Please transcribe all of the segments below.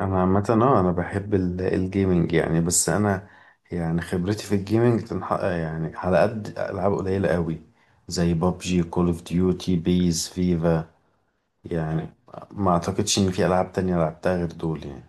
انا عامه بحب الجيمينج يعني، بس انا، يعني خبرتي في الجيمينج تنحق يعني، على قد العاب قليله قوي، زي بابجي، كول اوف ديوتي، بيز، فيفا يعني. ما اعتقدش ان في العاب تانية لعبتها غير دول يعني.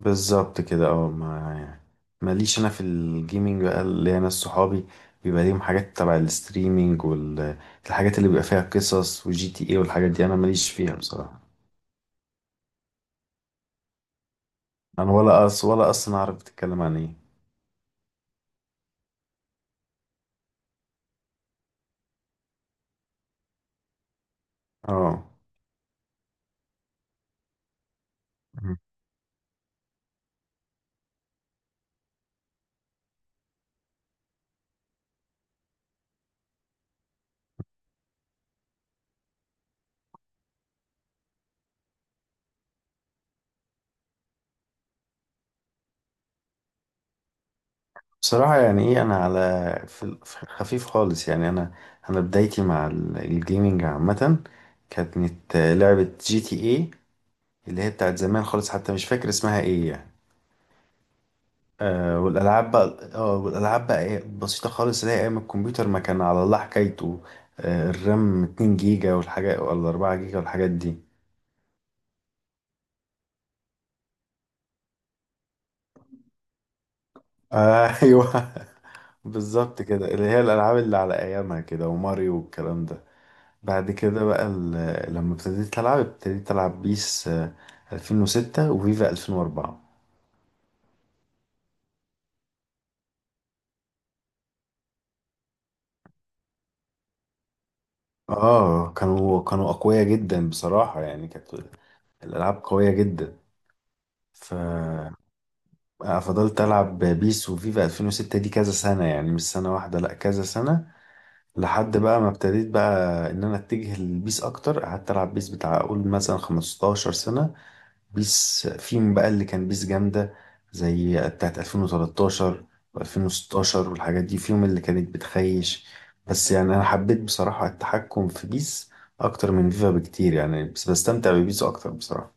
بالظبط كده، ما يعني، ماليش انا في الجيمينج بقى. اللي انا صحابي بيبقى ليهم حاجات تبع الستريمينج، والحاجات اللي بيبقى فيها قصص، وجي تي ايه، والحاجات دي انا ماليش فيها بصراحه. انا ولا أص ولا اصلا اعرف بتتكلم عن ايه. اه بصراحة يعني ايه، انا على، في في الخفيف خالص يعني. انا بدايتي مع الجيمنج عامة، كانت لعبة جي تي ايه، اللي هي بتاعت زمان خالص، حتى مش فاكر اسمها ايه يعني. والالعاب بقى ايه، بسيطة خالص، اللي هي ايام الكمبيوتر ما كان على الله حكايته. الرام 2 جيجا والحاجة، ولا 4 جيجا والحاجات دي. ايوه، بالظبط كده، اللي هي الالعاب اللي على ايامها كده، وماريو والكلام ده. بعد كده بقى، لما ابتديت ألعب بيس 2006، وفيفا 2004. اه كانوا أقوياء جدا بصراحة، يعني كانت الألعاب قوية جدا. ف آه، فضلت ألعب بيس وفيفا 2006، دي كذا سنة يعني، مش سنة واحدة، لأ كذا سنة، لحد بقى ما ابتديت بقى إن أنا أتجه للبيس أكتر. قعدت ألعب بيس بتاع أقول مثلا 15 سنة. بيس في بقى اللي كان بيس جامدة، زي بتاعت 2013 و2016 والحاجات دي، فيهم اللي كانت بتخيش. بس يعني أنا حبيت بصراحة التحكم في بيس أكتر من فيفا بكتير يعني، بس بستمتع ببيس أكتر بصراحة.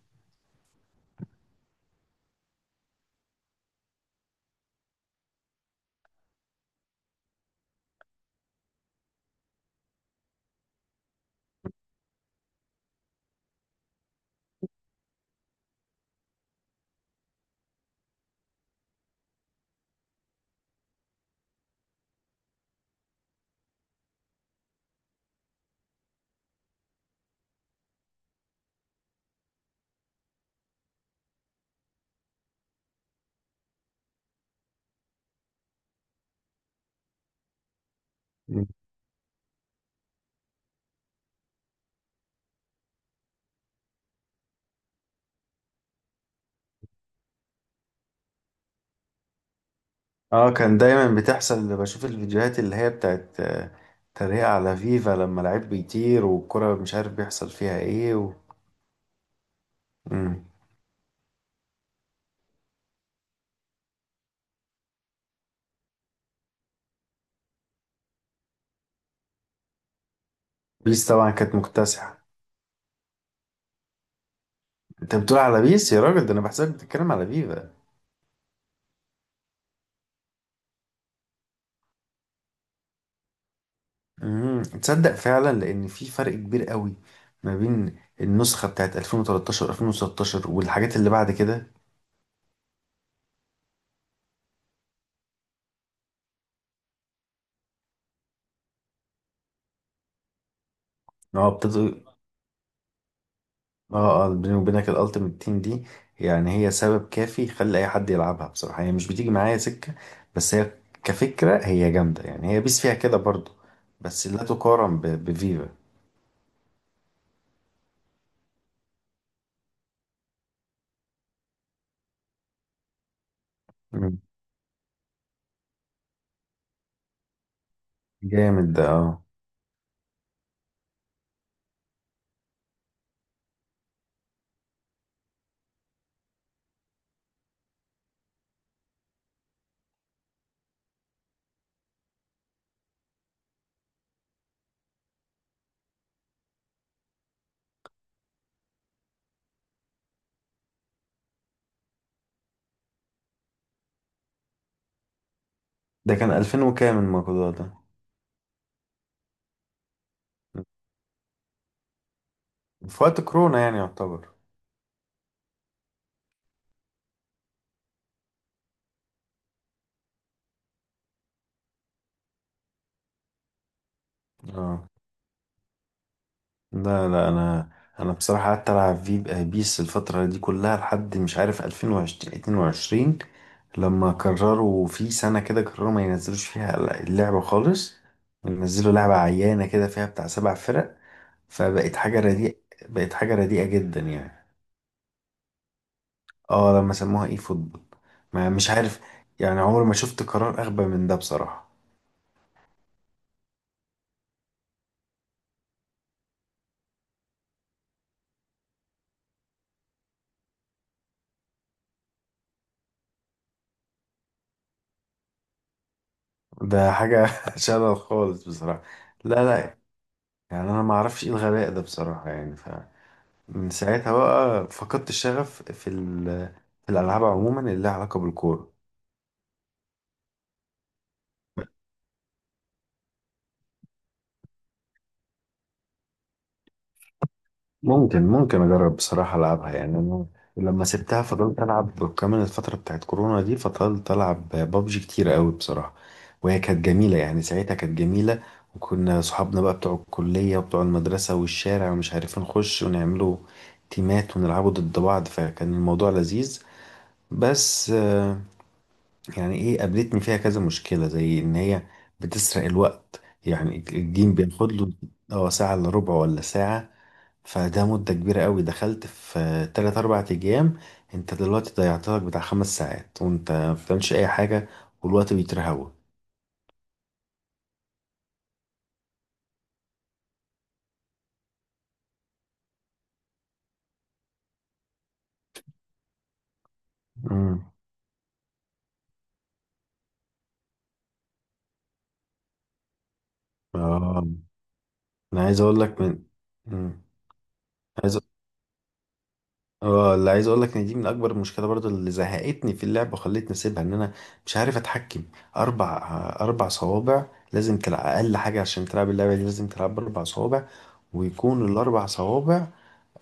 مم. اه كان دايما بتحصل، اللي بشوف الفيديوهات اللي هي بتاعت تريقة على فيفا، لما لعيب بيطير والكرة مش عارف بيحصل فيها ايه. و... مم. بيس طبعا كانت مكتسحة. انت بتقول على بيس يا راجل؟ ده انا بحسك بتتكلم على فيفا. تصدق فعلا، لان في فرق كبير قوي ما بين النسخه بتاعت 2013 2016 والحاجات اللي بعد كده. اه ابتدوا. اه، اه، بيني وبينك الالتيميت تيم دي، يعني هي سبب كافي يخلي اي حد يلعبها بصراحه، هي مش بتيجي معايا سكه، بس هي كفكره هي جامده يعني، هي بيس فيها كده برضو، بس لا تقارن بفيفا. مم. جامد ده. اه ده كان 2000 وكام الموضوع ده؟ في وقت كورونا يعني يعتبر. اه لا، لا، انا بصراحه قعدت العب في بيس الفتره دي كلها، لحد مش عارف 2020، 22، لما قرروا في سنه كده قرروا ما ينزلوش فيها اللعبه خالص، ونزلوا لعبه عيانه كده فيها بتاع 7 فرق. فبقت حاجه رديئه بقت حاجه رديئه جدا يعني. اه لما سموها اي فوتبول. ما مش عارف، يعني عمري ما شفت قرار اغبى من ده بصراحه. ده حاجه شلل خالص بصراحه. لا، لا، يعني انا ما اعرفش ايه الغباء ده بصراحه يعني. من ساعتها بقى فقدت الشغف في في الألعاب عموما اللي لها علاقة بالكورة. ممكن، ممكن أجرب بصراحة ألعبها يعني أنا. لما سبتها فضلت ألعب كمان الفترة بتاعت كورونا دي، فضلت ألعب بابجي كتير قوي بصراحة، وهي كانت جميلة يعني، ساعتها كانت جميلة، وكنا صحابنا بقى بتوع الكلية وبتوع المدرسة والشارع ومش عارفين نخش ونعملوا تيمات ونلعبوا ضد بعض، فكان الموضوع لذيذ. بس يعني ايه، قابلتني فيها كذا مشكلة، زي ان هي بتسرق الوقت يعني، الجيم بياخد له اه ساعة الا ربع ولا ساعة، فده مدة كبيرة قوي. دخلت في 3 4 أيام، انت دلوقتي ضيعت لك بتاع 5 ساعات وانت ما بتعملش اي حاجة، والوقت بيترهوى. امم اه انا عايز اقول لك من، امم اه اللي عايز اقول لك ان دي من اكبر المشكله برضو اللي زهقتني في اللعبه وخلتني اسيبها، ان انا مش عارف اتحكم. اربع اربع صوابع لازم تلعب اقل حاجه، عشان تلعب اللعبه دي لازم تلعب باربع صوابع، ويكون الاربع صوابع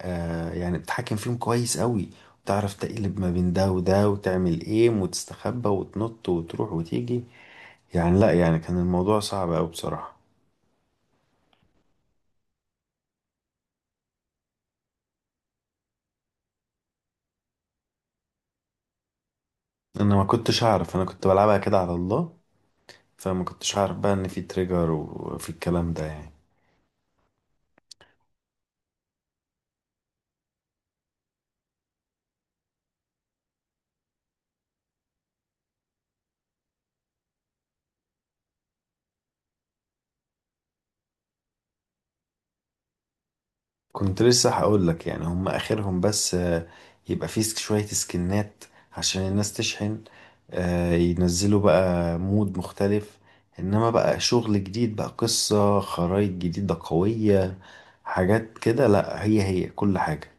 يعني بتتحكم فيهم كويس قوي، وتعرف تقلب ما بين ده وده، وتعمل ايم وتستخبى وتنط وتروح وتيجي يعني، لا يعني كان الموضوع صعب قوي بصراحه. انا ما كنتش اعرف، انا كنت بلعبها كده على الله، فما كنتش عارف بقى ان في تريجر وفي الكلام ده يعني. كنت لسه هقول لك، يعني هم اخرهم بس يبقى فيه شوية سكنات عشان الناس تشحن، ينزلوا بقى مود مختلف، انما بقى شغل جديد بقى، قصة خرايط جديدة قوية، حاجات كده، لا هي هي كل حاجة.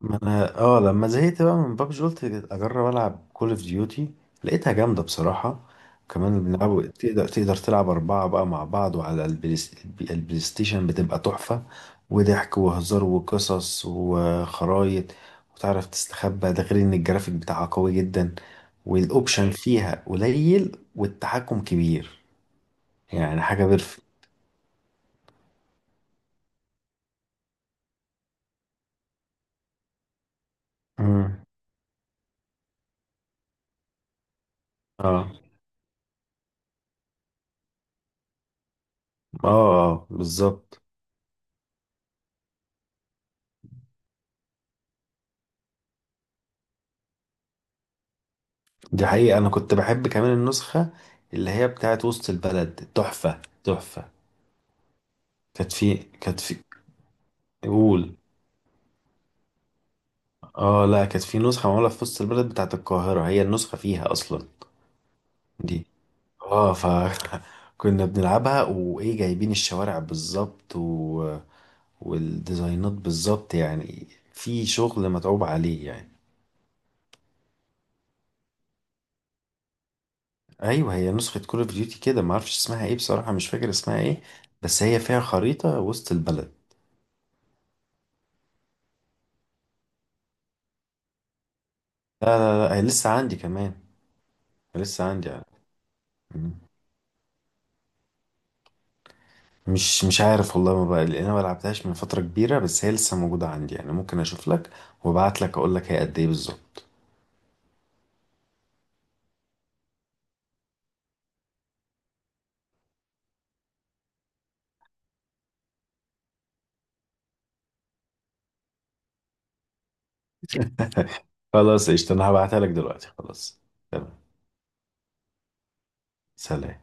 ما انا لما زهقت بقى من بابجي قلت اجرب العب كول اوف ديوتي، لقيتها جامده بصراحه. كمان بنلعب، تقدر تلعب اربعه بقى مع بعض، وعلى البلاي ستيشن بتبقى تحفه، وضحك وهزار وقصص وخرايط، وتعرف تستخبى، ده غير ان الجرافيك بتاعها قوي جدا، والاوبشن فيها قليل والتحكم كبير، يعني حاجه بيرفكت. مم. اه، اه، اه، بالظبط. دي حقيقة، أنا كنت بحب كمان النسخة اللي هي بتاعت وسط البلد، تحفة تحفة. كانت في كانت في قول. اه، لا، كانت في نسخة معمولة في وسط البلد بتاعت القاهرة، هي النسخة فيها أصلا دي. اه ف كنا بنلعبها، وإيه جايبين الشوارع بالظبط، و... والديزاينات بالظبط يعني، في شغل متعوب عليه يعني. أيوة، هي نسخة كول أوف ديوتي كده معرفش اسمها إيه بصراحة، مش فاكر اسمها إيه، بس هي فيها خريطة وسط البلد. لا، لا، لا، هي لسه عندي كمان، لسه عندي يعني. مم. مش عارف والله، ما بقى لان انا ما لعبتهاش من فتره كبيره، بس هي لسه موجوده عندي يعني، ممكن اشوف لك وابعت لك اقول لك هي قد ايه بالظبط. خلاص قشطه، انا هبعتها لك دلوقتي، خلاص. تمام، سلام.